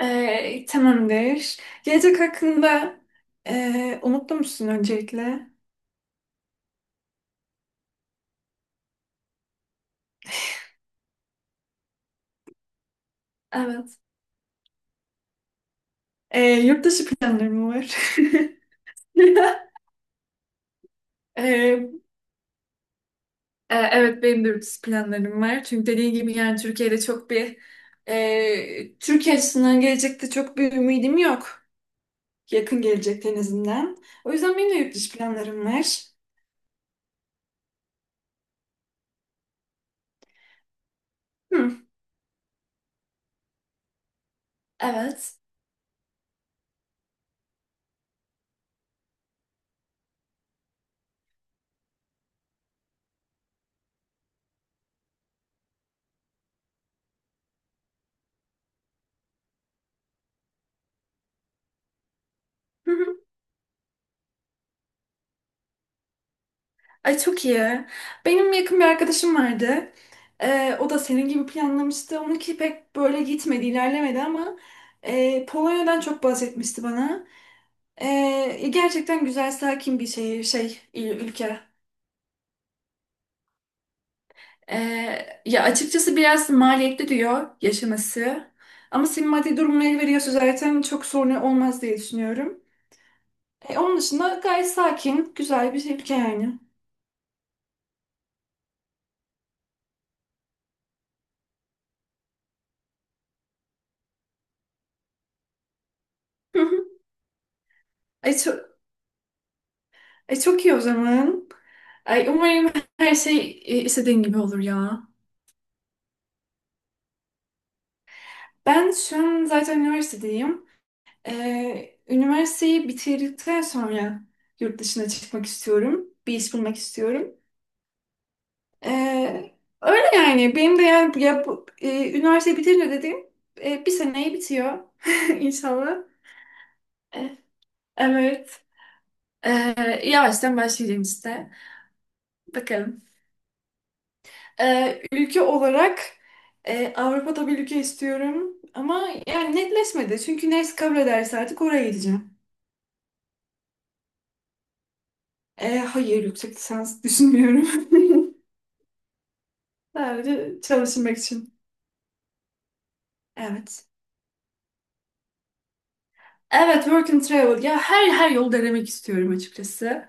Tamamdır. Gelecek hakkında umutlu musun öncelikle? Evet. Yurt dışı planlarım var. Ee, evet, benim de yurt dışı planlarım var. Çünkü dediğim gibi yani Türkiye'de çok bir Türkiye açısından gelecekte çok bir ümidim yok. Yakın gelecekte en azından. O yüzden benim de yurt dışı planlarım var. Hı. Evet. Ay, çok iyi. Benim yakın bir arkadaşım vardı. O da senin gibi planlamıştı. Onunki pek böyle gitmedi, ilerlemedi ama Polonya'dan çok bahsetmişti bana. Gerçekten güzel, sakin bir şehir, şey, ülke. Ya açıkçası biraz maliyetli diyor yaşaması. Ama senin maddi durumun el veriyorsa zaten çok sorun olmaz diye düşünüyorum. Onun dışında gayet sakin, güzel bir ülke yani. Ay, çok- E, çok iyi o zaman. Ay, umarım her şey istediğin gibi olur ya. Ben şu an zaten üniversitedeyim. Üniversiteyi bitirdikten sonra yurt dışına çıkmak istiyorum. Bir iş bulmak istiyorum. E, Öyle yani. Benim de yani ya, bu, üniversiteyi bitirince dediğim bir seneyi bitiyor. İnşallah. E, evet. E, Yavaştan başlayacağım işte. Bakalım. Ülke olarak Avrupa'da bir ülke istiyorum ama yani netleşmedi. Çünkü neresi kabul ederse artık oraya gideceğim. Hayır, yüksek lisans düşünmüyorum. Sadece çalışmak için. Evet. Evet, work and travel. Ya her yol denemek istiyorum açıkçası.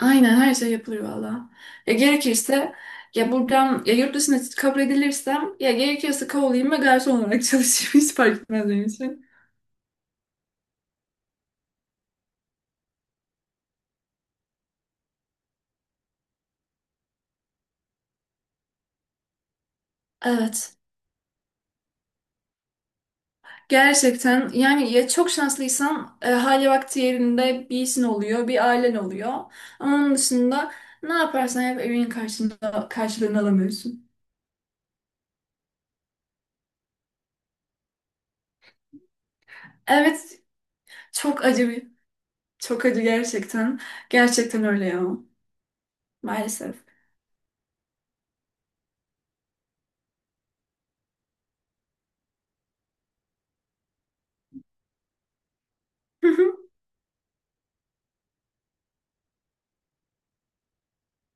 Aynen, her şey yapılır valla. Ya gerekirse ya buradan ya yurt dışına kabul edilirsem ya gerekirse kovalayayım ve garson olarak çalışayım. Hiç fark etmez benim için. Evet. Gerçekten yani ya çok şanslıysan hali vakti yerinde bir işin oluyor, bir ailen oluyor. Ama onun dışında ne yaparsan yap evinin karşında, karşılığını alamıyorsun. Evet, çok acı bir, çok acı gerçekten. Gerçekten öyle ya, maalesef. Hı hı.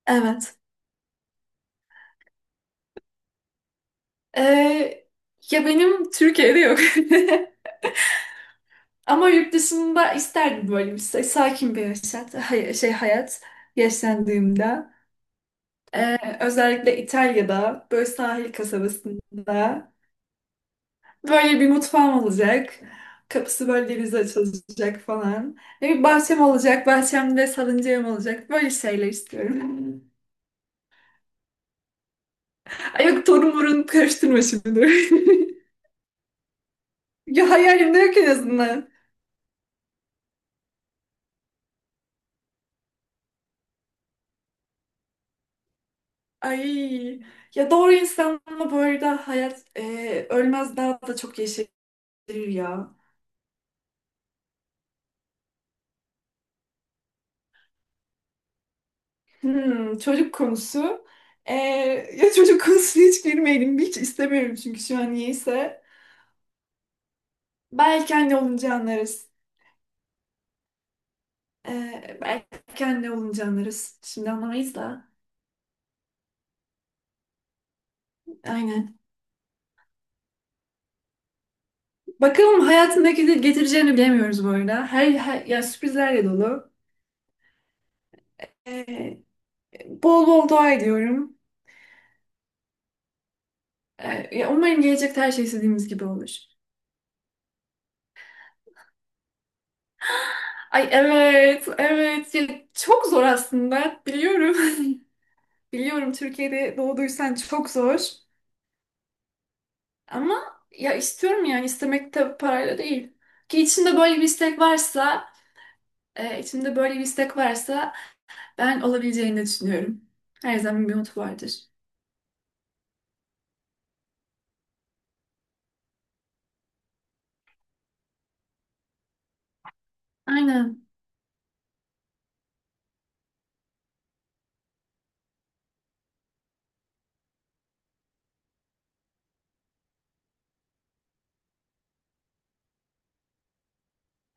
Evet. Ee, Ya benim Türkiye'de yok. Ama yurt dışında isterdim böyle bir sakin bir yaşat, hayat yaşlandığımda. Özellikle İtalya'da böyle sahil kasabasında böyle bir mutfağım olacak. Kapısı böyle denize açılacak falan. Ve bir bahçem olacak. Bahçemde salıncağım olacak. Böyle şeyler istiyorum. Ay yok, torun burun karıştırma şimdi. Ya hayalimde yok en azından. Ay, ya doğru insanla bu arada hayat ölmez, daha da çok yeşerir ya. Hmm, çocuk konusu. Ee, Ya çocuk konusuna hiç girmeyelim. Hiç istemiyorum çünkü şu an niyeyse. Belki anne olunca anlarız. Belki anne olunca anlarız. Şimdi anlamayız da. Aynen. Bakalım hayatındaki de getireceğini bilemiyoruz bu arada. Her ya, sürprizlerle dolu. Ee, Bol bol dua ediyorum. Ya umarım gelecekte her şey istediğimiz gibi olur. Ay evet, evet. Ya çok zor aslında. Biliyorum. Biliyorum, Türkiye'de doğduysan çok zor. Ama ya istiyorum yani, istemek tabii parayla değil. Ki içinde böyle bir istek varsa, içimde böyle bir istek varsa ben olabileceğini düşünüyorum. Her zaman bir umut vardır. Aynen.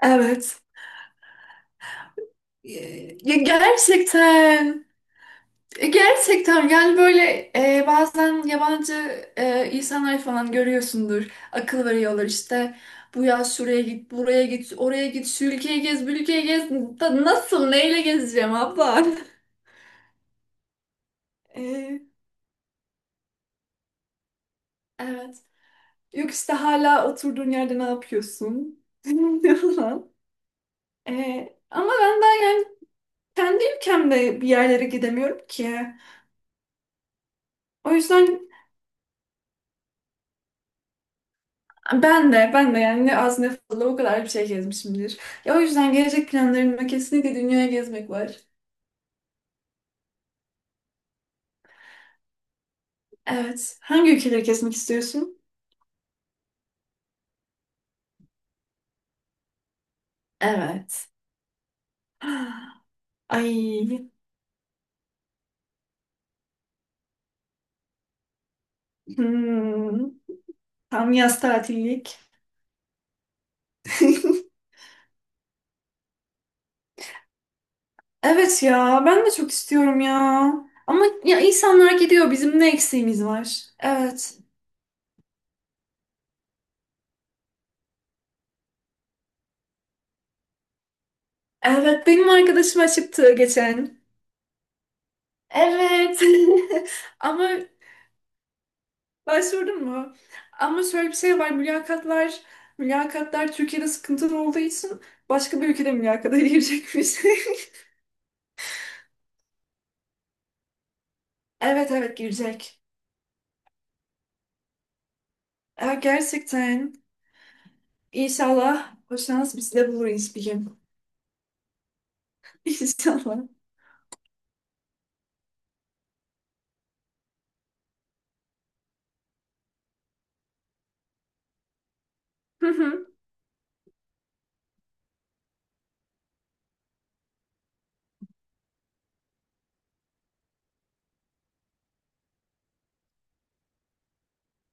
Evet. E, Ya gerçekten. Gerçekten yani böyle bazen yabancı insanlar falan görüyorsundur. Akıl veriyorlar işte. Bu yaz şuraya git, buraya git, oraya git, şu ülkeyi gez, bu ülkeyi gez. Nasıl, neyle gezeceğim abla? E, Evet. Yok işte, hala oturduğun yerde ne yapıyorsun? falan. Ama ben daha yani kendi ülkemde bir yerlere gidemiyorum ki. O yüzden ben de yani ne az ne fazla o kadar bir şey gezmişimdir. Ya o yüzden gelecek planlarımda kesinlikle dünyaya gezmek var. Evet. Hangi ülkeleri gezmek istiyorsun? Evet. Ay. Hmm, tam yaz tatillik. Evet ya, ben de çok istiyorum ya. Ama ya insanlar gidiyor, bizim ne eksiğimiz var? Evet. Evet, benim arkadaşım aşıktı geçen. Evet. Ama başvurdun mu? Ama şöyle bir şey var, mülakatlar Türkiye'de sıkıntılı olduğu için başka bir ülkede mülakata girecekmiş. Evet, evet girecek. Ya gerçekten, inşallah o şans bizi de bulur bir gün. İnşallah. Hı hı.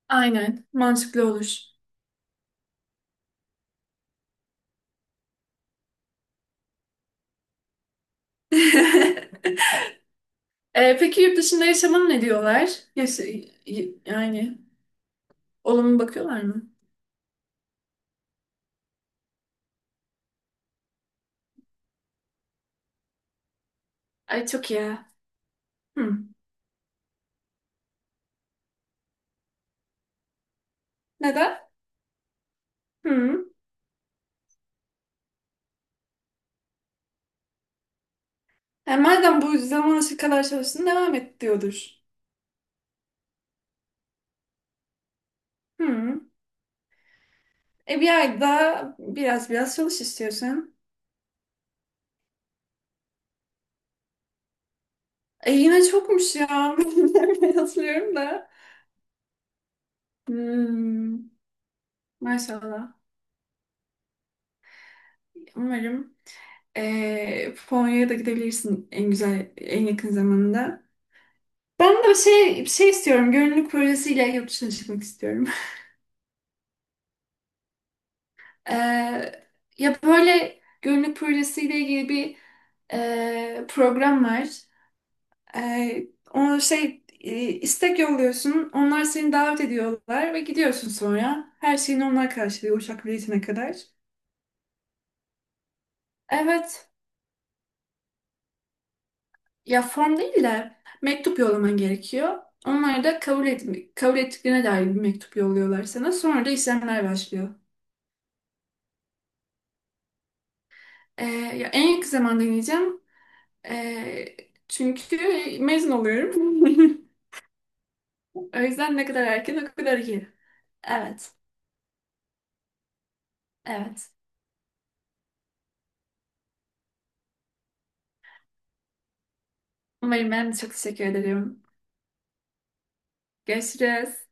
Aynen, mantıklı olur. Peki yurt dışında yaşamana ne diyorlar? Yani olumlu bakıyorlar mı? Ay çok iyi. Ha. Hı. Neden? Hı. Yani madem bu zamana kadar çalıştın devam et diyordur. Hı. E, bir ay daha biraz çalış istiyorsan. E, yine çokmuş ya. Yazıyorum da. Hmm, maşallah. Umarım Polonya'ya da gidebilirsin en güzel, en yakın zamanda. Ben de şey, bir şey istiyorum. Gönüllülük projesiyle yurt dışına çıkmak istiyorum. Ee, Ya böyle gönüllülük projesiyle ilgili bir program var. Ee, istek yolluyorsun. Onlar seni davet ediyorlar ve gidiyorsun sonra. Her şeyini onlar karşılıyor, uçak biletine kadar. Evet. Ya form değil de mektup yollaman gerekiyor. Onlar da kabul ettiklerine dair bir mektup yolluyorlar sana. Sonra da işlemler başlıyor. Ya en yakın zamanda deneyeceğim. Ee, Çünkü mezun oluyorum. O yüzden ne kadar erken o kadar iyi. Evet, evet. Umarım, ben de çok teşekkür ederim. Görüşürüz.